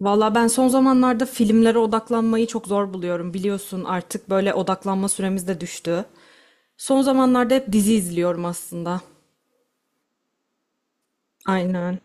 Valla ben son zamanlarda filmlere odaklanmayı çok zor buluyorum. Biliyorsun artık böyle odaklanma süremiz de düştü. Son zamanlarda hep dizi izliyorum aslında. Aynen.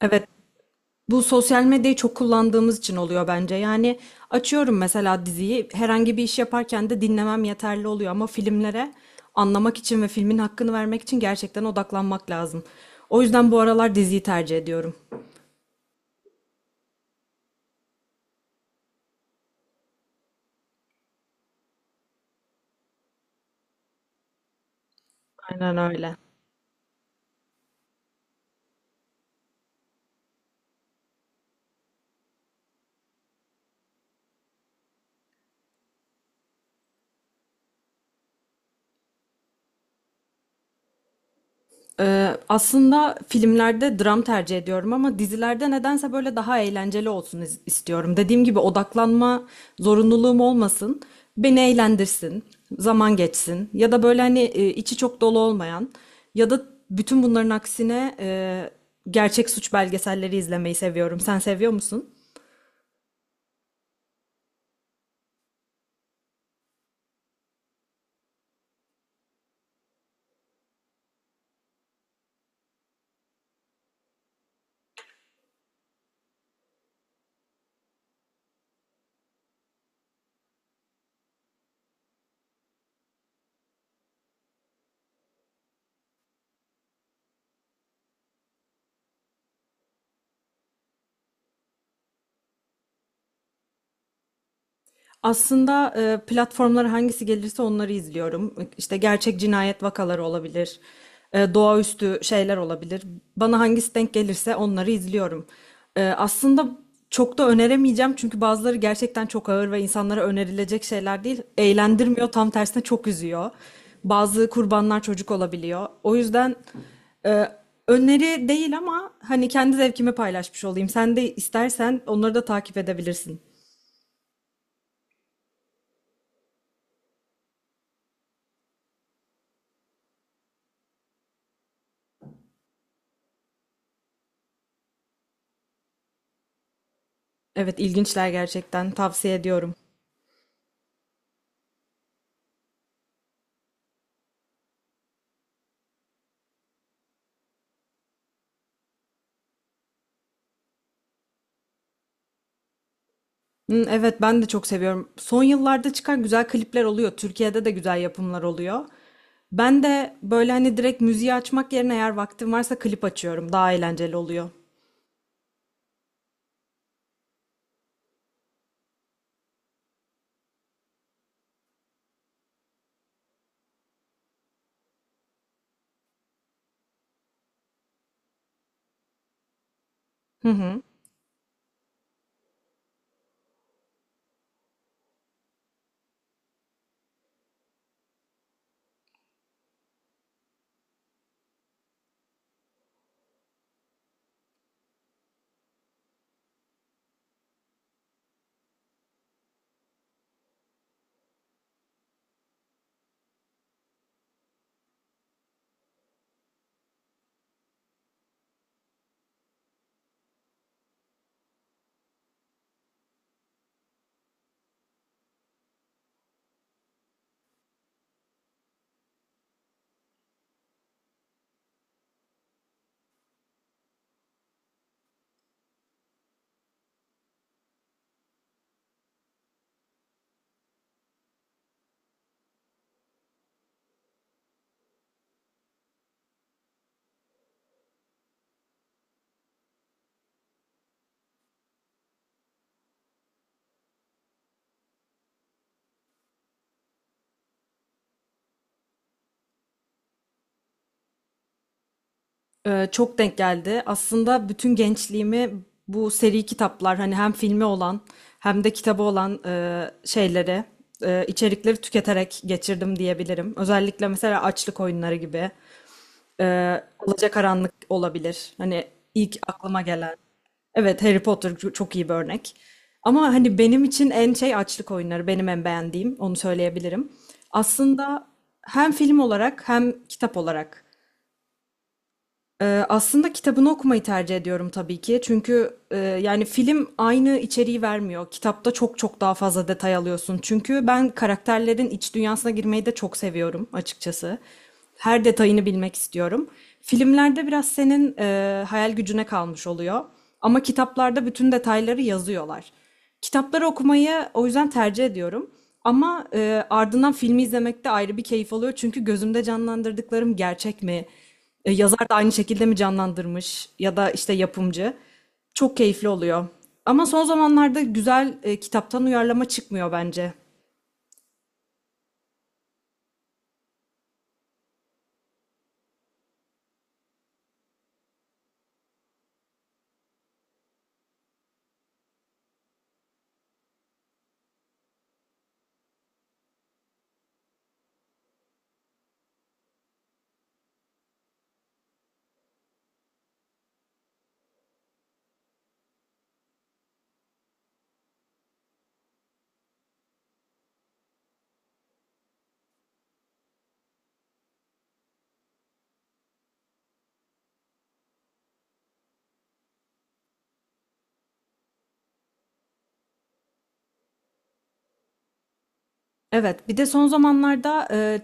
Evet. Bu sosyal medyayı çok kullandığımız için oluyor bence. Yani açıyorum mesela diziyi. Herhangi bir iş yaparken de dinlemem yeterli oluyor ama filmlere anlamak için ve filmin hakkını vermek için gerçekten odaklanmak lazım. O yüzden bu aralar diziyi tercih ediyorum. Aynen öyle. Aslında filmlerde dram tercih ediyorum ama dizilerde nedense böyle daha eğlenceli olsun istiyorum. Dediğim gibi odaklanma zorunluluğum olmasın. Beni eğlendirsin, zaman geçsin ya da böyle hani içi çok dolu olmayan ya da bütün bunların aksine gerçek suç belgeselleri izlemeyi seviyorum. Sen seviyor musun? Aslında platformlara hangisi gelirse onları izliyorum. İşte gerçek cinayet vakaları olabilir, doğaüstü şeyler olabilir. Bana hangisi denk gelirse onları izliyorum. Aslında çok da öneremeyeceğim çünkü bazıları gerçekten çok ağır ve insanlara önerilecek şeyler değil. Eğlendirmiyor, tam tersine çok üzüyor. Bazı kurbanlar çocuk olabiliyor. O yüzden e, öneri değil ama hani kendi zevkimi paylaşmış olayım. Sen de istersen onları da takip edebilirsin. Evet, ilginçler gerçekten, tavsiye ediyorum. Hı, evet, ben de çok seviyorum. Son yıllarda çıkan güzel klipler oluyor. Türkiye'de de güzel yapımlar oluyor. Ben de böyle hani direkt müziği açmak yerine eğer vaktim varsa klip açıyorum. Daha eğlenceli oluyor. Hı hı. Çok denk geldi. Aslında bütün gençliğimi bu seri kitaplar hani hem filmi olan hem de kitabı olan şeyleri, içerikleri tüketerek geçirdim diyebilirim. Özellikle mesela açlık oyunları gibi. Alacakaranlık olabilir. Hani ilk aklıma gelen. Evet, Harry Potter çok iyi bir örnek. Ama hani benim için en şey, açlık oyunları. Benim en beğendiğim, onu söyleyebilirim. Aslında hem film olarak hem kitap olarak aslında kitabını okumayı tercih ediyorum tabii ki. Çünkü yani film aynı içeriği vermiyor. Kitapta çok çok daha fazla detay alıyorsun. Çünkü ben karakterlerin iç dünyasına girmeyi de çok seviyorum açıkçası. Her detayını bilmek istiyorum. Filmlerde biraz senin hayal gücüne kalmış oluyor. Ama kitaplarda bütün detayları yazıyorlar. Kitapları okumayı o yüzden tercih ediyorum. Ama ardından filmi izlemek de ayrı bir keyif oluyor. Çünkü gözümde canlandırdıklarım gerçek mi? Yazar da aynı şekilde mi canlandırmış? Ya da işte yapımcı. Çok keyifli oluyor. Ama son zamanlarda güzel kitaptan uyarlama çıkmıyor bence. Evet, bir de son zamanlarda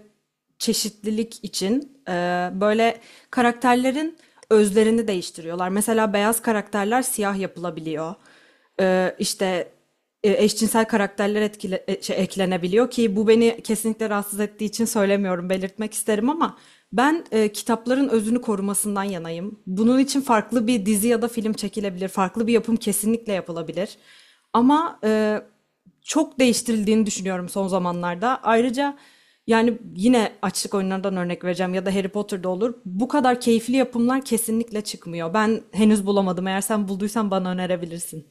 çeşitlilik için böyle karakterlerin özlerini değiştiriyorlar. Mesela beyaz karakterler siyah yapılabiliyor. İşte eşcinsel karakterler eklenebiliyor ki bu beni kesinlikle rahatsız ettiği için söylemiyorum, belirtmek isterim ama ben kitapların özünü korumasından yanayım. Bunun için farklı bir dizi ya da film çekilebilir, farklı bir yapım kesinlikle yapılabilir. Ama çok değiştirildiğini düşünüyorum son zamanlarda. Ayrıca yani yine açlık oyunlarından örnek vereceğim ya da Harry Potter'da olur. Bu kadar keyifli yapımlar kesinlikle çıkmıyor. Ben henüz bulamadım. Eğer sen bulduysan bana önerebilirsin.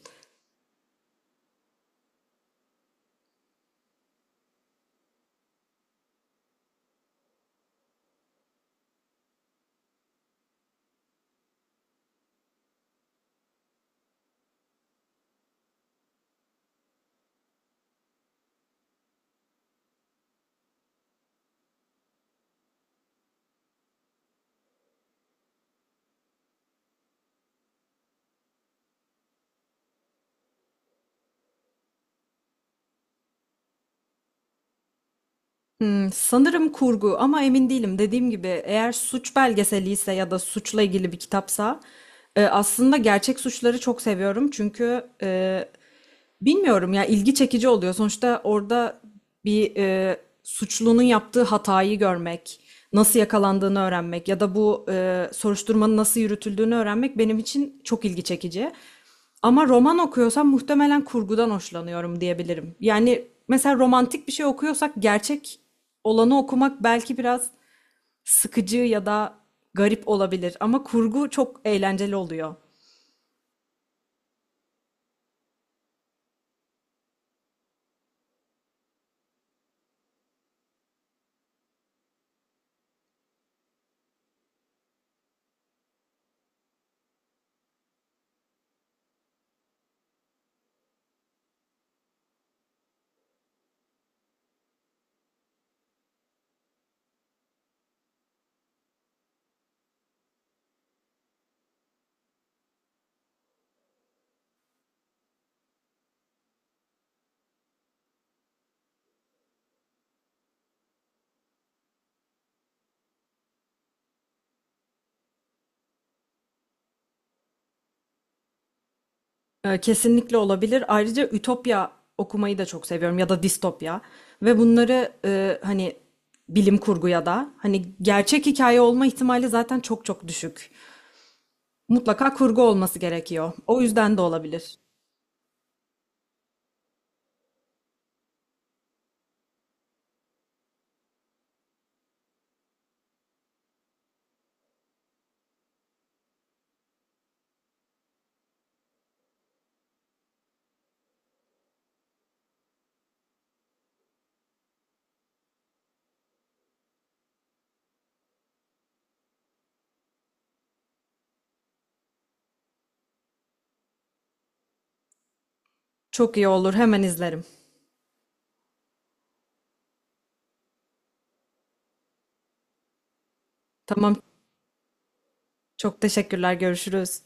Sanırım kurgu ama emin değilim. Dediğim gibi eğer suç belgeseli ise ya da suçla ilgili bir kitapsa aslında gerçek suçları çok seviyorum. Çünkü bilmiyorum ya, ilgi çekici oluyor. Sonuçta orada bir suçlunun yaptığı hatayı görmek, nasıl yakalandığını öğrenmek ya da bu soruşturmanın nasıl yürütüldüğünü öğrenmek benim için çok ilgi çekici. Ama roman okuyorsam muhtemelen kurgudan hoşlanıyorum diyebilirim. Yani mesela romantik bir şey okuyorsak gerçek olanı okumak belki biraz sıkıcı ya da garip olabilir ama kurgu çok eğlenceli oluyor. Kesinlikle olabilir. Ayrıca ütopya okumayı da çok seviyorum ya da distopya ve bunları hani bilim kurgu ya da hani, gerçek hikaye olma ihtimali zaten çok çok düşük. Mutlaka kurgu olması gerekiyor. O yüzden de olabilir. Çok iyi olur. Hemen izlerim. Tamam. Çok teşekkürler. Görüşürüz.